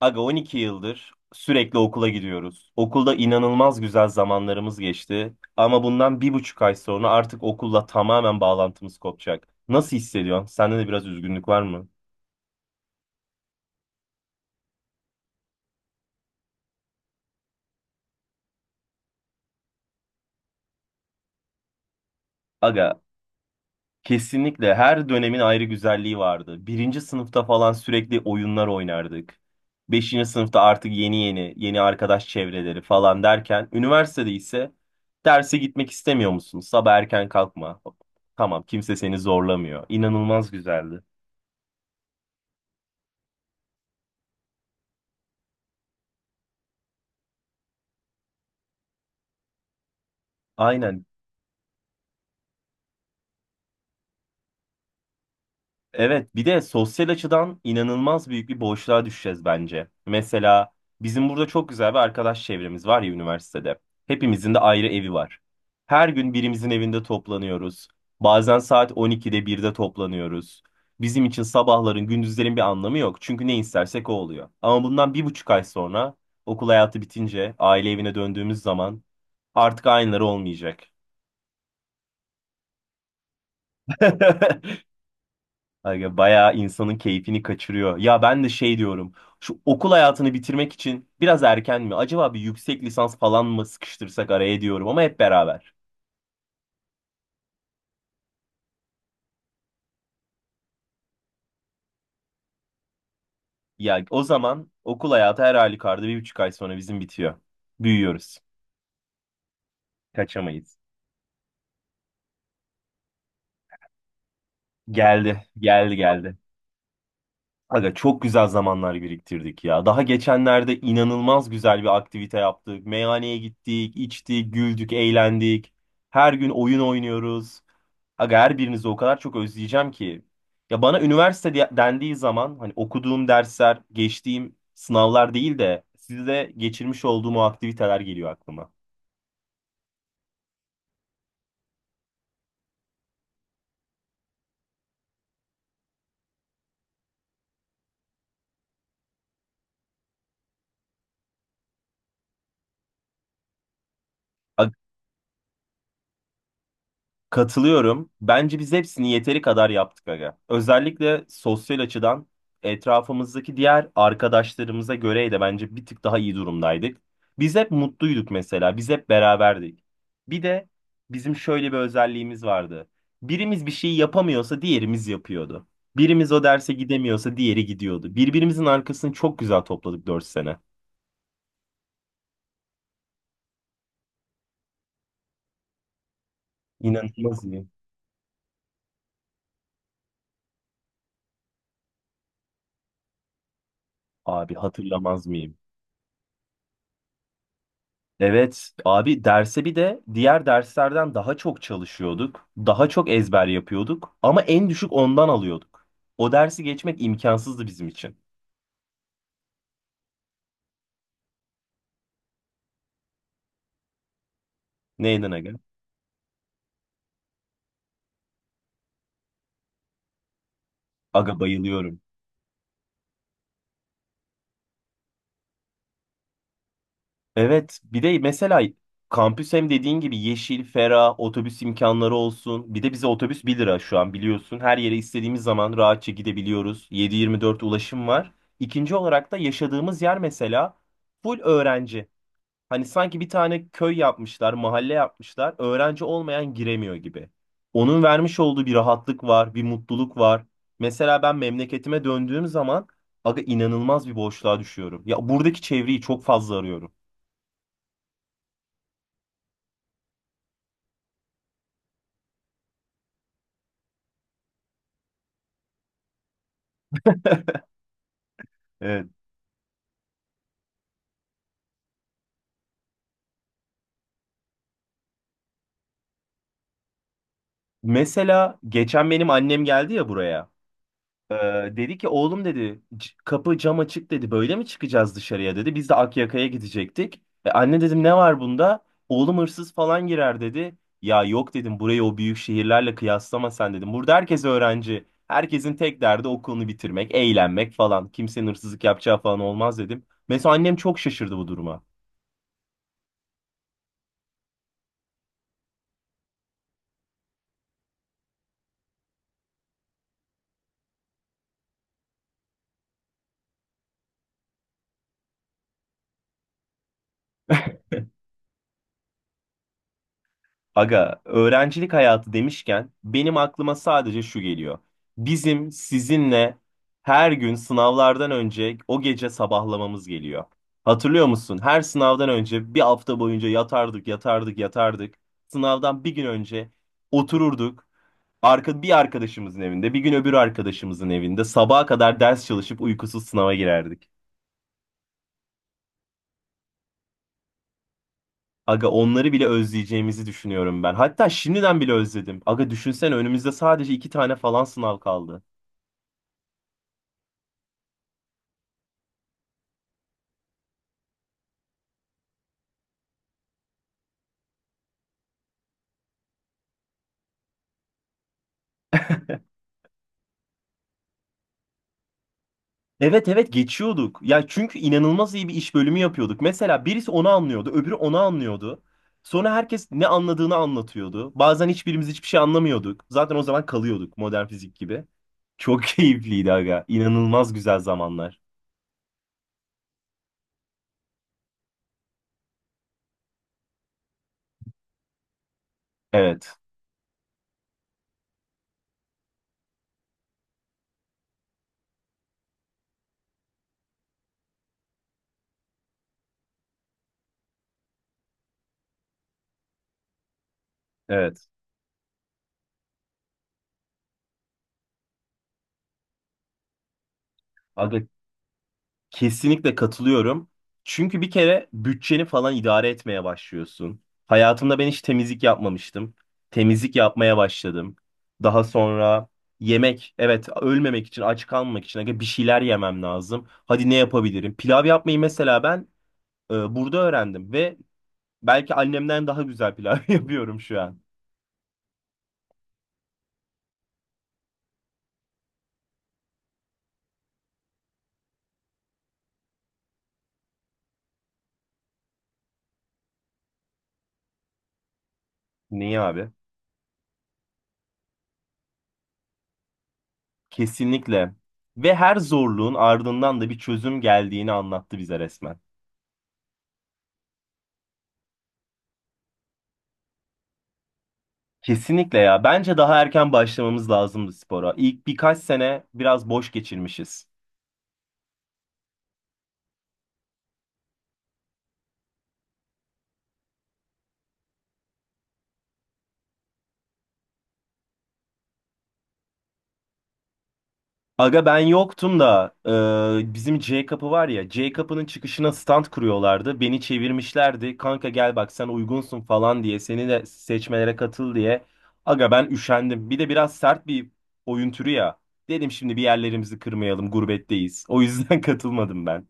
Aga 12 yıldır sürekli okula gidiyoruz. Okulda inanılmaz güzel zamanlarımız geçti. Ama bundan 1,5 ay sonra artık okulla tamamen bağlantımız kopacak. Nasıl hissediyorsun? Sende de biraz üzgünlük var mı? Aga, kesinlikle her dönemin ayrı güzelliği vardı. Birinci sınıfta falan sürekli oyunlar oynardık. Beşinci sınıfta artık yeni yeni arkadaş çevreleri falan derken. Üniversitede ise derse gitmek istemiyor musun? Sabah erken kalkma. Tamam, kimse seni zorlamıyor. İnanılmaz güzeldi. Aynen. Evet, bir de sosyal açıdan inanılmaz büyük bir boşluğa düşeceğiz bence. Mesela bizim burada çok güzel bir arkadaş çevremiz var ya üniversitede. Hepimizin de ayrı evi var. Her gün birimizin evinde toplanıyoruz. Bazen saat 12'de birde toplanıyoruz. Bizim için sabahların, gündüzlerin bir anlamı yok. Çünkü ne istersek o oluyor. Ama bundan bir buçuk ay sonra okul hayatı bitince aile evine döndüğümüz zaman artık aynıları olmayacak. Aga, bayağı insanın keyfini kaçırıyor. Ya ben de şey diyorum. Şu okul hayatını bitirmek için biraz erken mi? Acaba bir yüksek lisans falan mı sıkıştırsak araya diyorum, ama hep beraber. Ya o zaman okul hayatı her halükarda 1,5 ay sonra bizim bitiyor. Büyüyoruz. Kaçamayız. Geldi, geldi, geldi. Aga, çok güzel zamanlar biriktirdik ya. Daha geçenlerde inanılmaz güzel bir aktivite yaptık. Meyhaneye gittik, içtik, güldük, eğlendik. Her gün oyun oynuyoruz. Aga, her birinizi o kadar çok özleyeceğim ki. Ya bana üniversite dendiği zaman hani okuduğum dersler, geçtiğim sınavlar değil de sizle geçirmiş olduğum o aktiviteler geliyor aklıma. Katılıyorum. Bence biz hepsini yeteri kadar yaptık aga. Özellikle sosyal açıdan etrafımızdaki diğer arkadaşlarımıza göre de bence bir tık daha iyi durumdaydık. Biz hep mutluyduk mesela. Biz hep beraberdik. Bir de bizim şöyle bir özelliğimiz vardı. Birimiz bir şeyi yapamıyorsa diğerimiz yapıyordu. Birimiz o derse gidemiyorsa diğeri gidiyordu. Birbirimizin arkasını çok güzel topladık 4 sene. İnanılmaz iyi. Abi hatırlamaz mıyım? Evet abi, derse bir de diğer derslerden daha çok çalışıyorduk. Daha çok ezber yapıyorduk ama en düşük ondan alıyorduk. O dersi geçmek imkansızdı bizim için. Neyden aga? Aga, bayılıyorum. Evet, bir de mesela kampüs hem dediğin gibi yeşil, ferah, otobüs imkanları olsun. Bir de bize otobüs 1 lira şu an biliyorsun. Her yere istediğimiz zaman rahatça gidebiliyoruz. 7/24 ulaşım var. İkinci olarak da yaşadığımız yer mesela full öğrenci. Hani sanki bir tane köy yapmışlar, mahalle yapmışlar. Öğrenci olmayan giremiyor gibi. Onun vermiş olduğu bir rahatlık var, bir mutluluk var. Mesela ben memleketime döndüğüm zaman aga inanılmaz bir boşluğa düşüyorum. Ya buradaki çevreyi çok fazla arıyorum. Evet. Mesela geçen benim annem geldi ya buraya. Ee, dedi ki oğlum, dedi, kapı cam açık, dedi, böyle mi çıkacağız dışarıya?" dedi. Biz de Akyaka'ya gidecektik. Anne, dedim, ne var bunda? Oğlum, hırsız falan girer, dedi. Ya yok, dedim, burayı o büyük şehirlerle kıyaslama sen, dedim. Burada herkes öğrenci. Herkesin tek derdi okulunu bitirmek, eğlenmek falan. Kimsenin hırsızlık yapacağı falan olmaz, dedim. Mesela annem çok şaşırdı bu duruma. Aga, öğrencilik hayatı demişken benim aklıma sadece şu geliyor. Bizim sizinle her gün sınavlardan önce o gece sabahlamamız geliyor. Hatırlıyor musun? Her sınavdan önce bir hafta boyunca yatardık, yatardık, yatardık. Sınavdan bir gün önce otururduk. Bir arkadaşımızın evinde, bir gün öbür arkadaşımızın evinde sabaha kadar ders çalışıp uykusuz sınava girerdik. Aga, onları bile özleyeceğimizi düşünüyorum ben. Hatta şimdiden bile özledim. Aga, düşünsene önümüzde sadece iki tane falan sınav kaldı. Evet, evet, geçiyorduk. Ya çünkü inanılmaz iyi bir iş bölümü yapıyorduk. Mesela birisi onu anlıyordu, öbürü onu anlıyordu. Sonra herkes ne anladığını anlatıyordu. Bazen hiçbirimiz hiçbir şey anlamıyorduk. Zaten o zaman kalıyorduk modern fizik gibi. Çok keyifliydi aga. İnanılmaz güzel zamanlar. Evet. Evet. Aga, kesinlikle katılıyorum. Çünkü bir kere bütçeni falan idare etmeye başlıyorsun. Hayatımda ben hiç temizlik yapmamıştım. Temizlik yapmaya başladım. Daha sonra yemek, evet, ölmemek için, aç kalmamak için aga bir şeyler yemem lazım. Hadi ne yapabilirim? Pilav yapmayı mesela ben burada öğrendim ve belki annemden daha güzel pilav yapıyorum şu an. Niye abi? Kesinlikle. Ve her zorluğun ardından da bir çözüm geldiğini anlattı bize resmen. Kesinlikle ya. Bence daha erken başlamamız lazımdı spora. İlk birkaç sene biraz boş geçirmişiz. Aga ben yoktum da bizim J kapı var ya, J kapının çıkışına stand kuruyorlardı. Beni çevirmişlerdi. Kanka gel bak sen uygunsun falan diye, seni de seçmelere katıl diye. Aga ben üşendim. Bir de biraz sert bir oyun türü ya. Dedim şimdi bir yerlerimizi kırmayalım, gurbetteyiz. O yüzden katılmadım ben.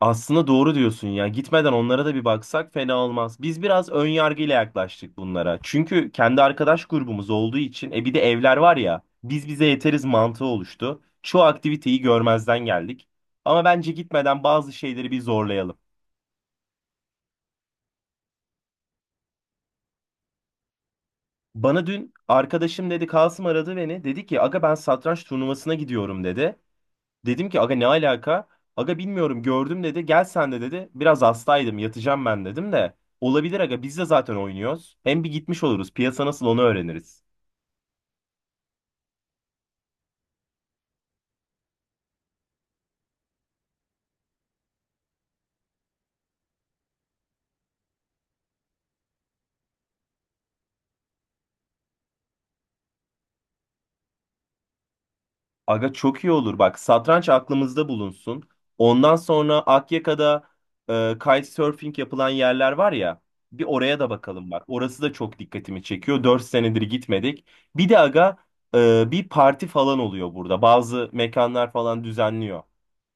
Aslında doğru diyorsun ya. Gitmeden onlara da bir baksak fena olmaz. Biz biraz ön yargıyla yaklaştık bunlara. Çünkü kendi arkadaş grubumuz olduğu için e bir de evler var ya. Biz bize yeteriz mantığı oluştu. Çoğu aktiviteyi görmezden geldik. Ama bence gitmeden bazı şeyleri bir zorlayalım. Bana dün arkadaşım dedi, Kasım aradı beni. Dedi ki aga ben satranç turnuvasına gidiyorum, dedi. Dedim ki aga, ne alaka? Aga bilmiyorum, gördüm, dedi. Gel sen de, dedi. Biraz hastaydım, yatacağım ben, dedim de. Olabilir aga, biz de zaten oynuyoruz. Hem bir gitmiş oluruz. Piyasa nasıl onu öğreniriz. Aga çok iyi olur bak. Satranç aklımızda bulunsun. Ondan sonra Akyaka'da kitesurfing yapılan yerler var ya. Bir oraya da bakalım bak. Orası da çok dikkatimi çekiyor. 4 senedir gitmedik. Bir de aga bir parti falan oluyor burada. Bazı mekanlar falan düzenliyor.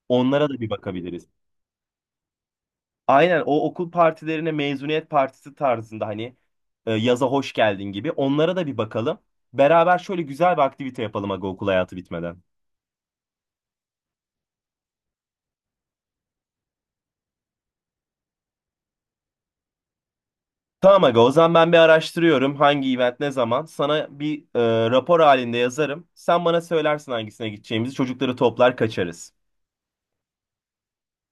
Onlara da bir bakabiliriz. Aynen, o okul partilerine mezuniyet partisi tarzında, hani yaza hoş geldin gibi, onlara da bir bakalım. Beraber şöyle güzel bir aktivite yapalım aga, okul hayatı bitmeden. Tamam aga, o zaman ben bir araştırıyorum hangi event ne zaman. Sana bir rapor halinde yazarım. Sen bana söylersin hangisine gideceğimizi, çocukları toplar kaçarız.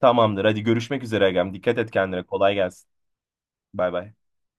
Tamamdır, hadi görüşmek üzere agam. Dikkat et kendine, kolay gelsin. Bay bay.